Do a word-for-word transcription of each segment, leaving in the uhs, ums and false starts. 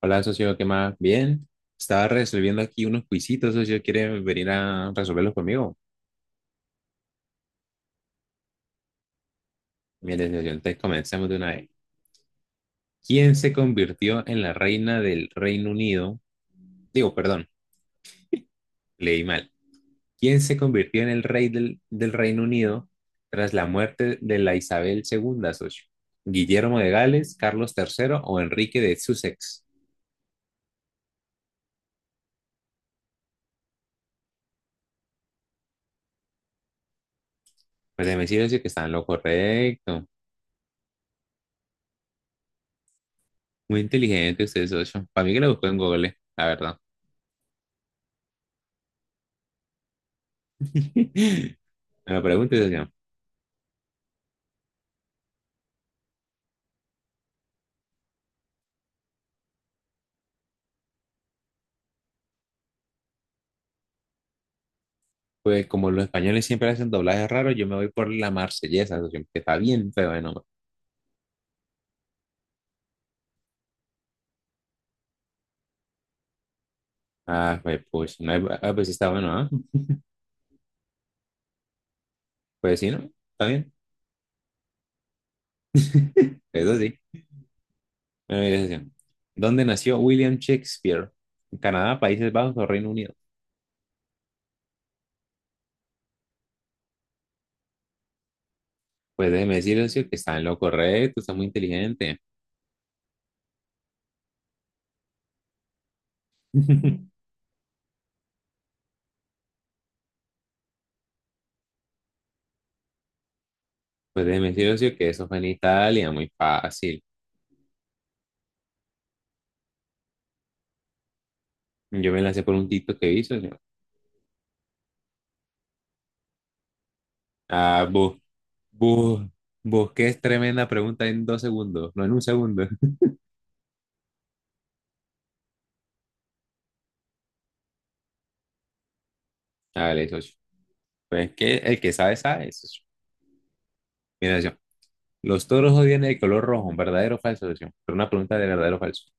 Hola, socio, ¿qué más? Bien. Estaba resolviendo aquí unos quisitos, socio. ¿Quiere venir a resolverlos conmigo? Bien, socio, entonces comencemos de una vez. ¿Quién se convirtió en la reina del Reino Unido? Digo, perdón, leí mal. ¿Quién se convirtió en el rey del, del Reino Unido tras la muerte de la Isabel segunda, socio? ¿Guillermo de Gales, Carlos tercero o Enrique de Sussex? Pues déjeme decir, socio, que está en lo correcto. Muy inteligente usted, socio. Para mí que lo buscó en Google, la verdad. Me lo pregunto y pues como los españoles siempre hacen doblajes raros, yo me voy por la marsellesa, socio, que está bien feo de nombre. Ah, pues, pues, no hay- ah, pues sí está bueno, ¿ah? Pues sí, ¿no? Está bien, eso sí. Bueno, mire, socio, ¿dónde nació William Shakespeare? ¿En Canadá, Países Bajos o Reino Unido? Pues déjeme decir, socio, que está en lo correcto, está muy inteligente. Pues déjeme decir, socio, que eso fue en Italia, muy fácil. Yo me lancé por un TikTok que hizo, socio. Ah, vos, vos, vos, que es tremenda pregunta en dos segundos, no en un segundo. Dale, socio. Pues que el que sabe, sabe, socio. Mira, socio. Los toros odian el color rojo, ¿verdadero o falso, socio? Pero una pregunta de verdadero o falso.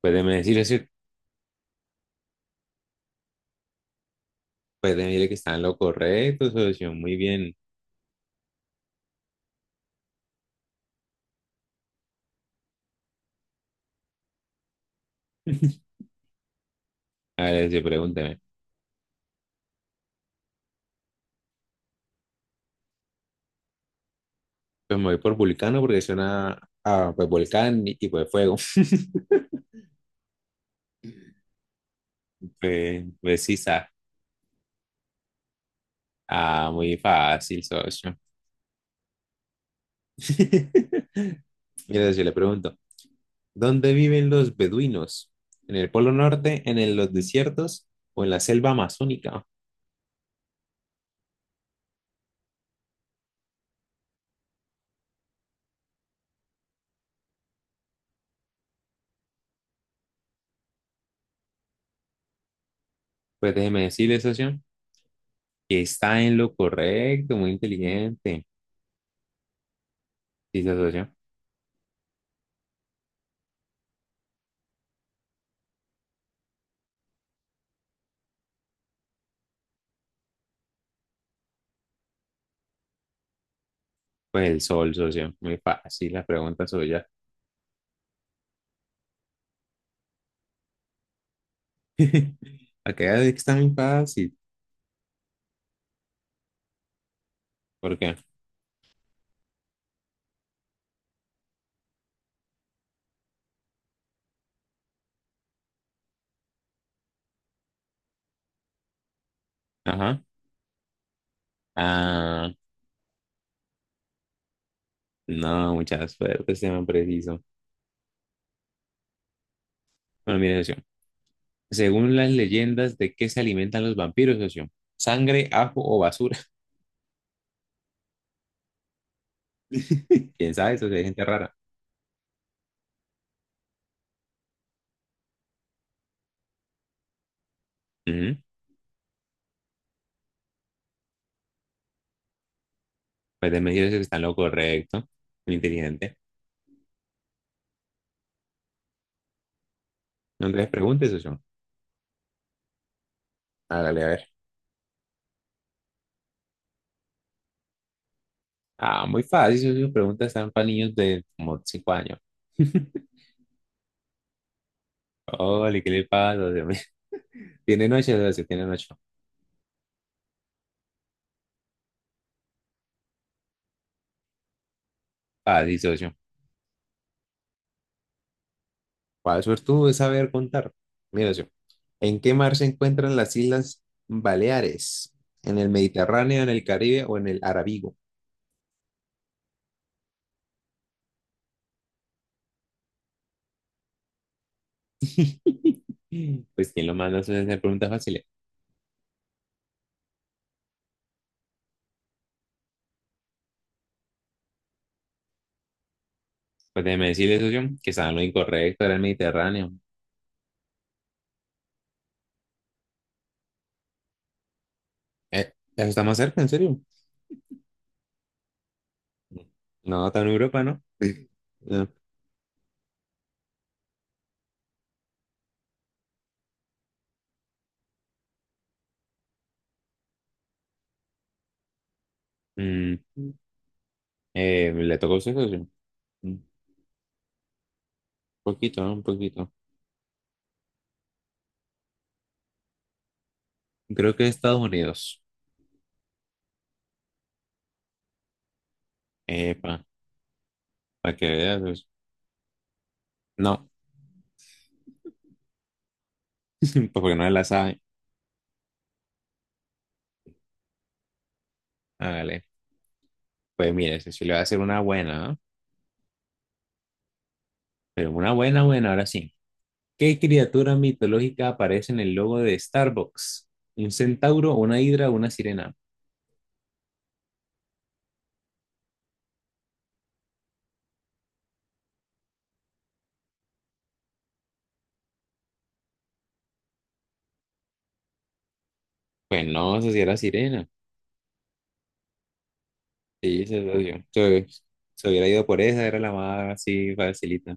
Puede decir, socio. Puede decir que está en lo correcto, socio. Muy bien. A ver, socio, pregúnteme. Pues me voy por vulcano porque suena a pues, volcán y, y, pues fuego. Pues, pues sí, sa- Ah, muy fácil, socio. Mira, socio, le pregunto. ¿Dónde viven los beduinos? ¿En el Polo Norte, en el- los desiertos o en la selva amazónica? Pues déjeme decirle, socio, que está en lo correcto, muy inteligente. Dice, socio, pues el sol, socio, muy fácil la pregunta suya. Acá está muy fácil. ¿Por qué? Ajá. Ah, no, mucha suerte, este man preciso. Bueno, mire, socio, según las leyendas, ¿de qué se alimentan los vampiros, socio? ¿Sangre, ajo o basura? ¿Quién sabe, socio? Hay gente rara. Ujú. Pues déjeme decirle, socio, que está en lo correcto, muy inteligente. No te preguntes, socio. Hágale, a ver. Ah, muy fácil, esas sus preguntas están para niños de como cinco años. Ole, ¿qué le pasa, Dios mío? Tienen ocho, socio, tienen ocho. Fácil, socio. ¿Cuál suertudo es saber contar? Mira, socio, ¿en qué mar se encuentran las Islas Baleares? ¿En el Mediterráneo, en el Caribe o en el Arábigo? Pues, ¿quién lo manda a hacer preguntas fáciles? Pues déjeme decirle, socio, que estaba en lo incorrecto, era el Mediterráneo. Eh, eso está más cerca, en serio. No, está en Europa, ¿no? No. Mm. ¿Eh, le tocó a usted, socio? Un poquito, ¿no? Un poquito. Creo que Estados Unidos. Epa, para que veas. Pues, no, pues porque no la sabe. Hágale. Pues mire, si le voy a hacer una buena, ¿ah? Pero una buena, buena, ahora sí. ¿Qué criatura mitológica aparece en el logo de Starbucks? ¿Un centauro, una hidra, o una sirena? Pues no, eso sí era sirena. Sí, se lo dio. Se, se hubiera ido por esa, era la más así facilita.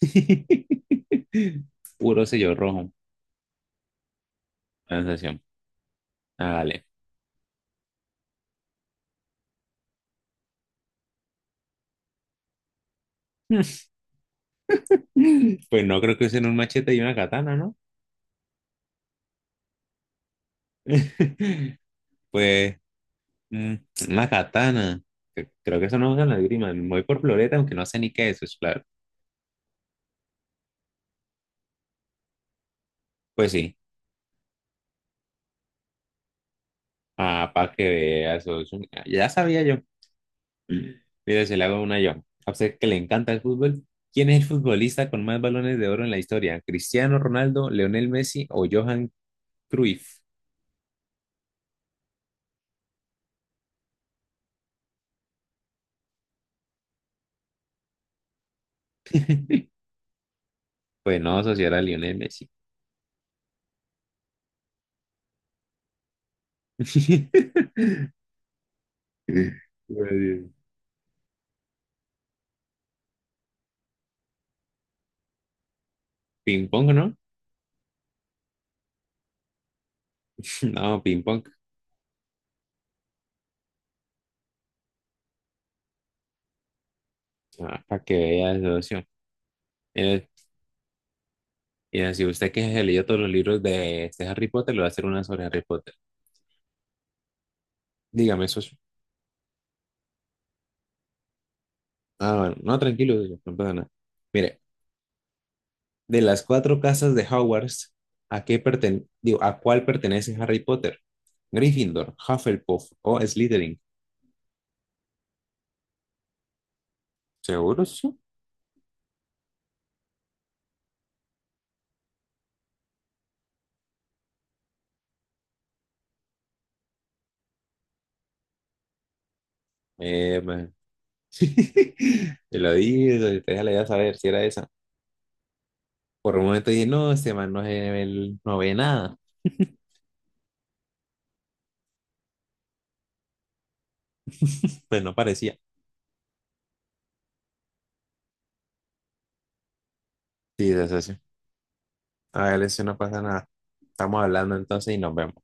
Puro sello rojo, la sensación. Hágale. Pues no creo que usen un machete y una katana, ¿no? Pues mm, una katana. Cre- Creo que eso no usan la esgrima. Me voy por floreta, aunque no sé ni qué es eso, claro. Pues sí. Ah, para que veas. Eso un- Ya sabía yo. Mira, se le hago una yo. A usted que le encanta el fútbol. ¿Quién es el futbolista con más balones de oro en la historia? ¿Cristiano Ronaldo, Lionel Messi o Johan Cruyff? Pues no, socio, era Lionel Messi. Pues, ping pong. No, ping pong. Ah, para que vea, socio. Eh, Y así usted que se leyó todos los libros de este Harry Potter, le va a hacer una sobre Harry Potter. Dígame, socio. Ah, bueno, no, tranquilo, socio, no pasa nada. Mire, de las cuatro casas de Hogwarts, ¿a qué perten- digo, a cuál pertenece Harry Potter? Gryffindor, Hufflepuff o Slytherin. ¿Seguro, socio? Eh, man. Te lo dije, socio, usted ya le iba a saber si era esa. Por un momento dije, no, este man no, se- él no ve nada. Pues no parecía. Sí, socio. A ver, eso no pasa nada. Estamos hablando entonces y nos vemos.